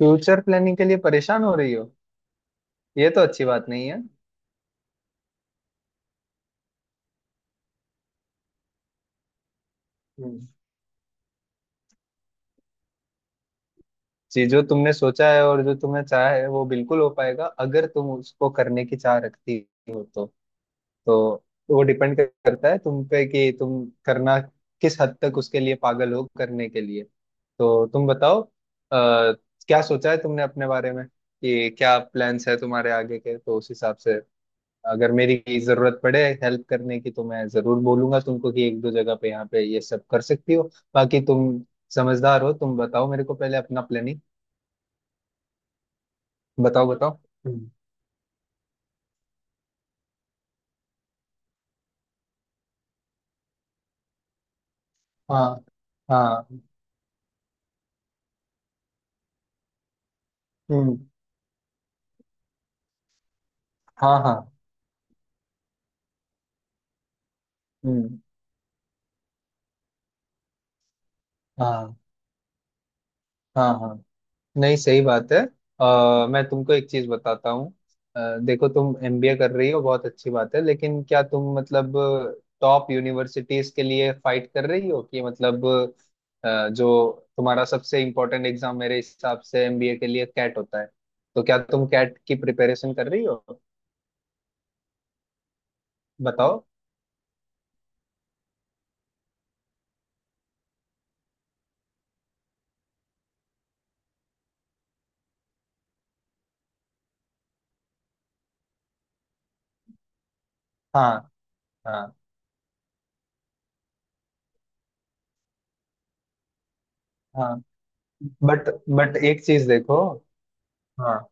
Future planning के लिए परेशान हो रही हो? ये तो अच्छी बात नहीं है। हम्म, जी, जो तुमने सोचा है और जो तुम्हें चाह है वो बिल्कुल हो पाएगा, अगर तुम उसको करने की चाह रखती हो तो वो डिपेंड करता है तुम पे कि तुम करना किस हद तक उसके लिए पागल हो करने के लिए। तो तुम बताओ, क्या सोचा है तुमने अपने बारे में कि क्या प्लान्स है तुम्हारे आगे के? तो उस हिसाब से अगर मेरी जरूरत पड़े हेल्प करने की तो मैं जरूर बोलूंगा तुमको कि एक दो जगह पे यहाँ पे ये सब कर सकती हो। बाकी तुम समझदार हो, तुम बताओ मेरे को पहले अपना प्लानिंग। बताओ बताओ। हम्म। हाँ, हाँ। हम्म। हाँ, हाँ। हम्म। हाँ, हाँ, हाँ। नहीं, सही बात है। मैं तुमको एक चीज बताता हूँ। देखो, तुम एमबीए कर रही हो, बहुत अच्छी बात है, लेकिन क्या तुम मतलब टॉप यूनिवर्सिटीज के लिए फाइट कर रही हो? कि मतलब जो तुम्हारा सबसे इम्पोर्टेंट एग्जाम मेरे हिसाब से एमबीए के लिए कैट होता है, तो क्या तुम कैट की प्रिपरेशन कर रही हो? बताओ। हाँ। हाँ, हाँ। बट बट एक चीज देखो। हाँ।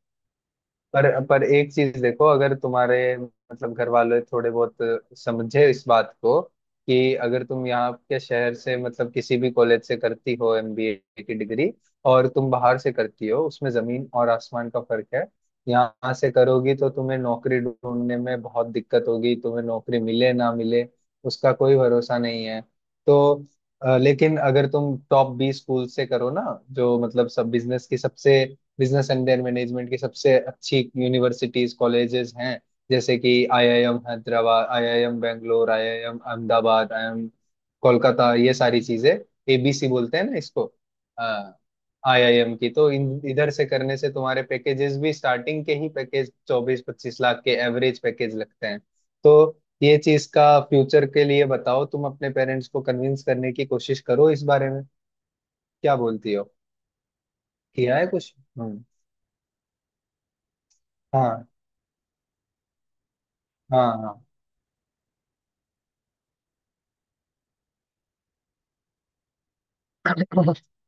पर एक चीज देखो, अगर तुम्हारे मतलब घर वाले थोड़े बहुत समझे इस बात को कि अगर तुम यहाँ के शहर से मतलब किसी भी कॉलेज से करती हो एमबीए की डिग्री और तुम बाहर से करती हो, उसमें जमीन और आसमान का फर्क है। यहाँ से करोगी तो तुम्हें नौकरी ढूंढने में बहुत दिक्कत होगी, तुम्हें नौकरी मिले ना मिले उसका कोई भरोसा नहीं है। तो लेकिन अगर तुम टॉप 20 स्कूल से करो ना, जो मतलब सब बिजनेस की सबसे बिजनेस एंड देयर मैनेजमेंट की सबसे अच्छी यूनिवर्सिटीज कॉलेजेस हैं, जैसे कि IIM Hyderabad, IIM Bangalore, IIM Ahmedabad, IIM Kolkata, ये सारी चीजें। एबीसी बोलते हैं ना इसको। आईआईएम की तो इन इधर से करने से तुम्हारे पैकेजेस भी स्टार्टिंग के ही पैकेज 24-25 लाख के एवरेज पैकेज लगते हैं। तो ये चीज का फ्यूचर के लिए बताओ, तुम अपने पेरेंट्स को कन्विंस करने की कोशिश करो इस बारे में। क्या बोलती हो? किया है कुछ? हम्म। हाँ। हाँ, हाँ।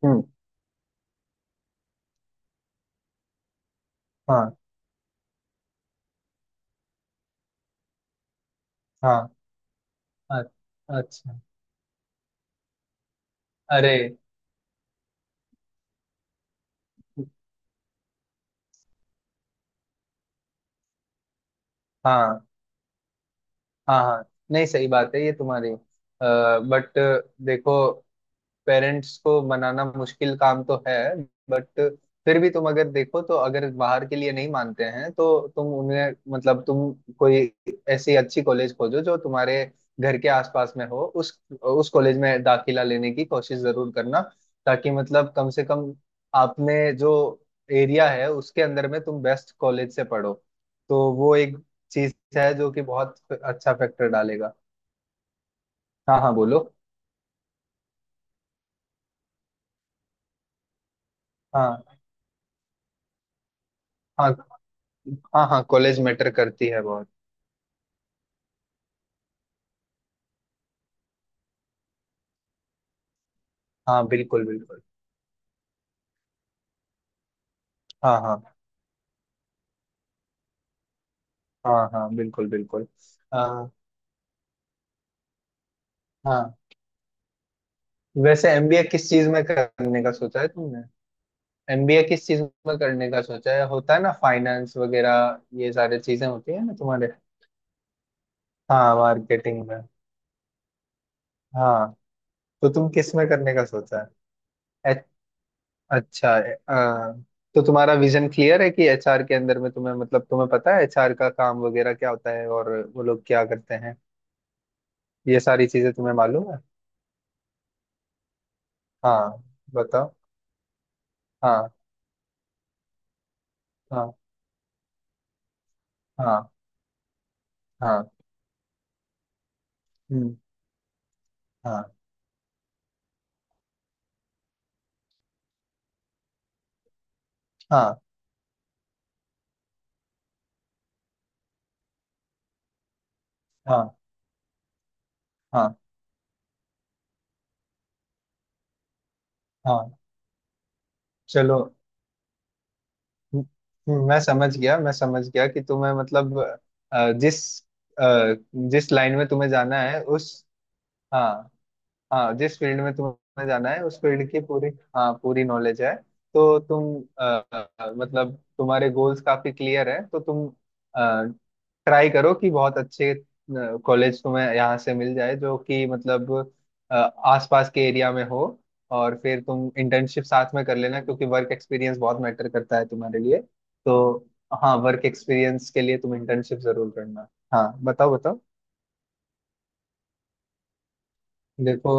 हम्म। हाँ, हाँ। अ- अच्छा। अरे। हाँ। हाँ, हाँ। नहीं, सही बात है ये तुम्हारी। बट देखो, पेरेंट्स को मनाना मुश्किल काम तो है, बट फिर भी तुम अगर देखो, तो अगर बाहर के लिए नहीं मानते हैं तो तुम उन्हें मतलब तुम कोई ऐसी अच्छी कॉलेज खोजो जो तुम्हारे घर के आसपास में हो, उस कॉलेज में दाखिला लेने की कोशिश जरूर करना। ताकि मतलब कम से कम आपने जो एरिया है उसके अंदर में तुम बेस्ट कॉलेज से पढ़ो, तो वो एक चीज है जो कि बहुत अच्छा फैक्टर डालेगा। हाँ, हाँ, बोलो। हाँ, हाँ, हाँ। हाँ, कॉलेज मैटर करती है बहुत। हाँ, बिल्कुल, बिल्कुल। हाँ, हाँ, हाँ। हाँ, बिल्कुल, बिल्कुल। हाँ, हाँ। वैसे एमबीए किस चीज में करने का सोचा है तुमने? एमबीए किस चीज में करने का सोचा है? होता है ना फाइनेंस वगैरह, ये सारी चीजें होती है ना तुम्हारे। हाँ, मार्केटिंग में। हाँ, तो तुम किस में करने का सोचा है? अच्छा। तो तुम्हारा विजन क्लियर है कि एचआर के अंदर में तुम्हें मतलब तुम्हें पता है एचआर का काम वगैरह क्या होता है और वो लोग क्या करते हैं? ये सारी चीजें तुम्हें मालूम है। हाँ, बताओ। हाँ, हाँ, हाँ। हाँ। हम्म, हाँ। हाँ, हाँ। हाँ, हाँ। चलो। हम्म, मैं समझ गया कि तुम्हें मतलब अ, जिस अ, जिस लाइन में तुम्हें जाना है उस। हाँ, हाँ, जिस फील्ड में तुम्हें जाना है उस फील्ड की पूरी। हाँ, पूरी नॉलेज है। तो तुम मतलब तुम्हारे गोल्स काफी क्लियर हैं, तो तुम ट्राई करो कि बहुत अच्छे कॉलेज तुम्हें यहाँ से मिल जाए जो कि मतलब आसपास के एरिया में हो। और फिर तुम इंटर्नशिप साथ में कर लेना, क्योंकि वर्क एक्सपीरियंस बहुत मैटर करता है तुम्हारे लिए। तो हाँ, वर्क एक्सपीरियंस के लिए तुम इंटर्नशिप जरूर करना। हाँ, बताओ बताओ। देखो,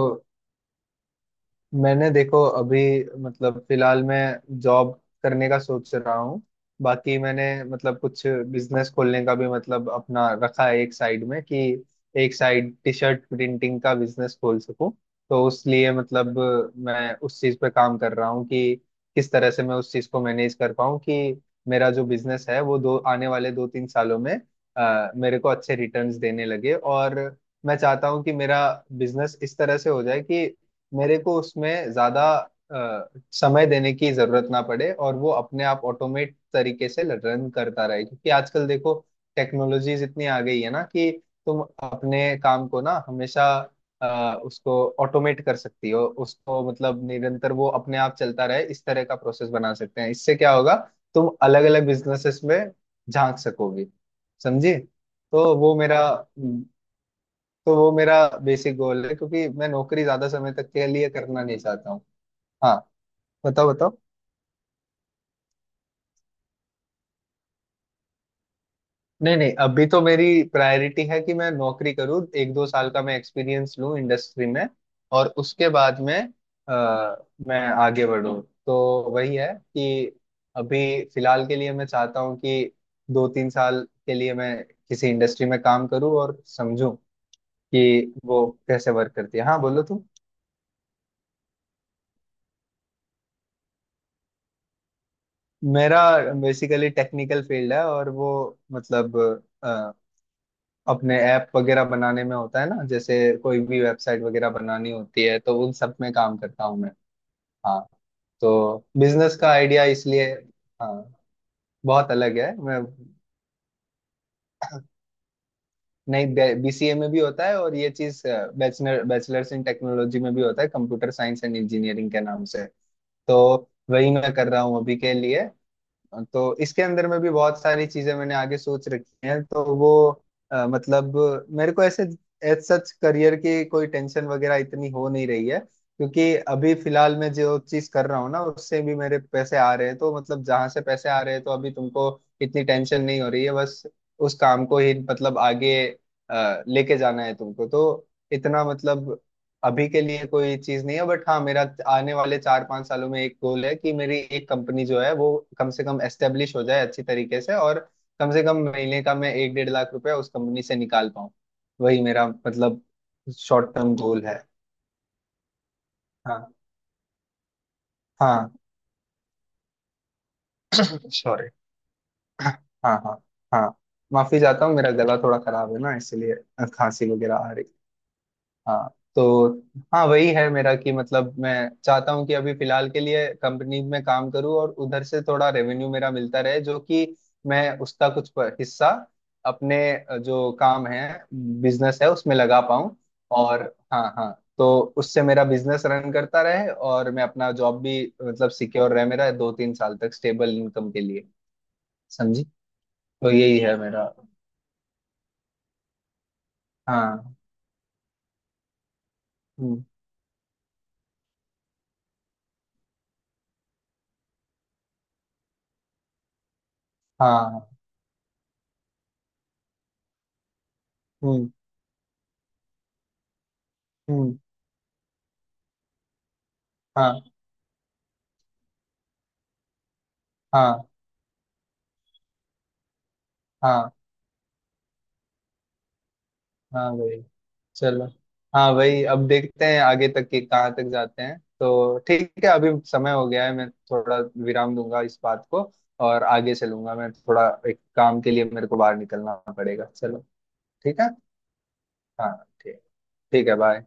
मैंने देखो अभी मतलब फिलहाल मैं जॉब करने का सोच रहा हूँ। बाकी मैंने मतलब कुछ बिजनेस खोलने का भी मतलब अपना रखा है एक साइड में कि एक साइड टी शर्ट प्रिंटिंग का बिजनेस खोल सकूँ। तो उस लिए मतलब मैं उस चीज़ पे काम कर रहा हूँ कि किस तरह से मैं उस चीज़ को मैनेज कर पाऊँ कि मेरा जो बिजनेस है वो दो आने वाले 2-3 सालों में मेरे को अच्छे रिटर्न्स देने लगे। और मैं चाहता हूँ कि मेरा बिजनेस इस तरह से हो जाए कि मेरे को उसमें ज्यादा समय देने की जरूरत ना पड़े और वो अपने आप ऑटोमेट तरीके से रन करता रहे। क्योंकि आजकल देखो, टेक्नोलॉजीज इतनी आ गई है ना कि तुम अपने काम को ना हमेशा उसको ऑटोमेट कर सकती हो, उसको मतलब निरंतर वो अपने आप चलता रहे, इस तरह का प्रोसेस बना सकते हैं। इससे क्या होगा, तुम अलग अलग बिजनेसेस में झांक सकोगी, समझी? तो वो मेरा बेसिक गोल है, क्योंकि मैं नौकरी ज्यादा समय तक के लिए करना नहीं चाहता हूँ। हाँ, बताओ बताओ। नहीं, नहीं, अभी तो मेरी प्रायोरिटी है कि मैं नौकरी करूँ, 1-2 साल का मैं एक्सपीरियंस लूँ इंडस्ट्री में, और उसके बाद में आ, मैं आगे बढ़ूँ। तो वही है कि अभी फिलहाल के लिए मैं चाहता हूँ कि 2-3 साल के लिए मैं किसी इंडस्ट्री में काम करूँ और समझूं कि वो कैसे वर्क करती है। हाँ, बोलो तुम। मेरा बेसिकली टेक्निकल फील्ड है और वो मतलब अ, अपने ऐप वगैरह बनाने में होता है ना। जैसे कोई भी वेबसाइट वगैरह बनानी होती है तो उन सब में काम करता हूँ मैं। हाँ, तो बिजनेस का आइडिया इसलिए। हाँ, बहुत अलग है। मैं नहीं, बीसीए में भी होता है और ये चीज बैचलर्स इन टेक्नोलॉजी में भी होता है, कंप्यूटर साइंस एंड इंजीनियरिंग के नाम से। तो वही मैं कर रहा हूँ अभी के लिए। तो इसके अंदर में भी बहुत सारी चीजें मैंने आगे सोच रखी हैं तो वो मतलब मेरे को ऐसे एज सच करियर की कोई टेंशन वगैरह इतनी हो नहीं रही है, क्योंकि अभी फिलहाल मैं जो चीज कर रहा हूँ ना उससे भी मेरे पैसे आ रहे हैं। तो मतलब जहां से पैसे आ रहे हैं तो अभी तुमको इतनी टेंशन नहीं हो रही है। बस उस काम को ही मतलब आगे लेके जाना है तुमको। तो इतना मतलब अभी के लिए कोई चीज नहीं है, बट हाँ, मेरा आने वाले 4-5 सालों में एक गोल है कि मेरी एक कंपनी जो है वो कम से कम एस्टेब्लिश हो जाए अच्छी तरीके से, और कम से कम महीने का मैं 1-1.5 लाख रुपया उस कंपनी से निकाल पाऊँ। वही मेरा मतलब शॉर्ट टर्म गोल है। हाँ, हाँ। सॉरी। हाँ, हाँ, हाँ। माफी चाहता हूँ, मेरा गला थोड़ा खराब है ना इसलिए खांसी वगैरह आ रही है। हाँ। तो हाँ, वही है मेरा, कि मतलब मैं चाहता हूँ कि अभी फिलहाल के लिए कंपनी में काम करूँ और उधर से थोड़ा रेवेन्यू मेरा मिलता रहे, जो कि मैं उसका कुछ हिस्सा अपने जो काम है, बिजनेस है, उसमें लगा पाऊँ। और हाँ, हाँ, तो उससे मेरा बिजनेस रन करता रहे, और मैं अपना जॉब भी मतलब सिक्योर रहे मेरा 2-3 साल तक स्टेबल इनकम के लिए। समझी? तो यही है मेरा। हाँ। हम्म, हाँ। हम्म। हम्म। हाँ, हाँ। हाँ, हाँ भाई। चलो। हाँ भाई, अब देखते हैं आगे तक कि कहाँ तक जाते हैं। तो ठीक है, अभी समय हो गया है, मैं थोड़ा विराम दूंगा इस बात को और आगे चलूंगा। मैं थोड़ा एक काम के लिए, मेरे को बाहर निकलना पड़ेगा। चलो। ठीक है। हाँ। ठीक। ठीक है। बाय।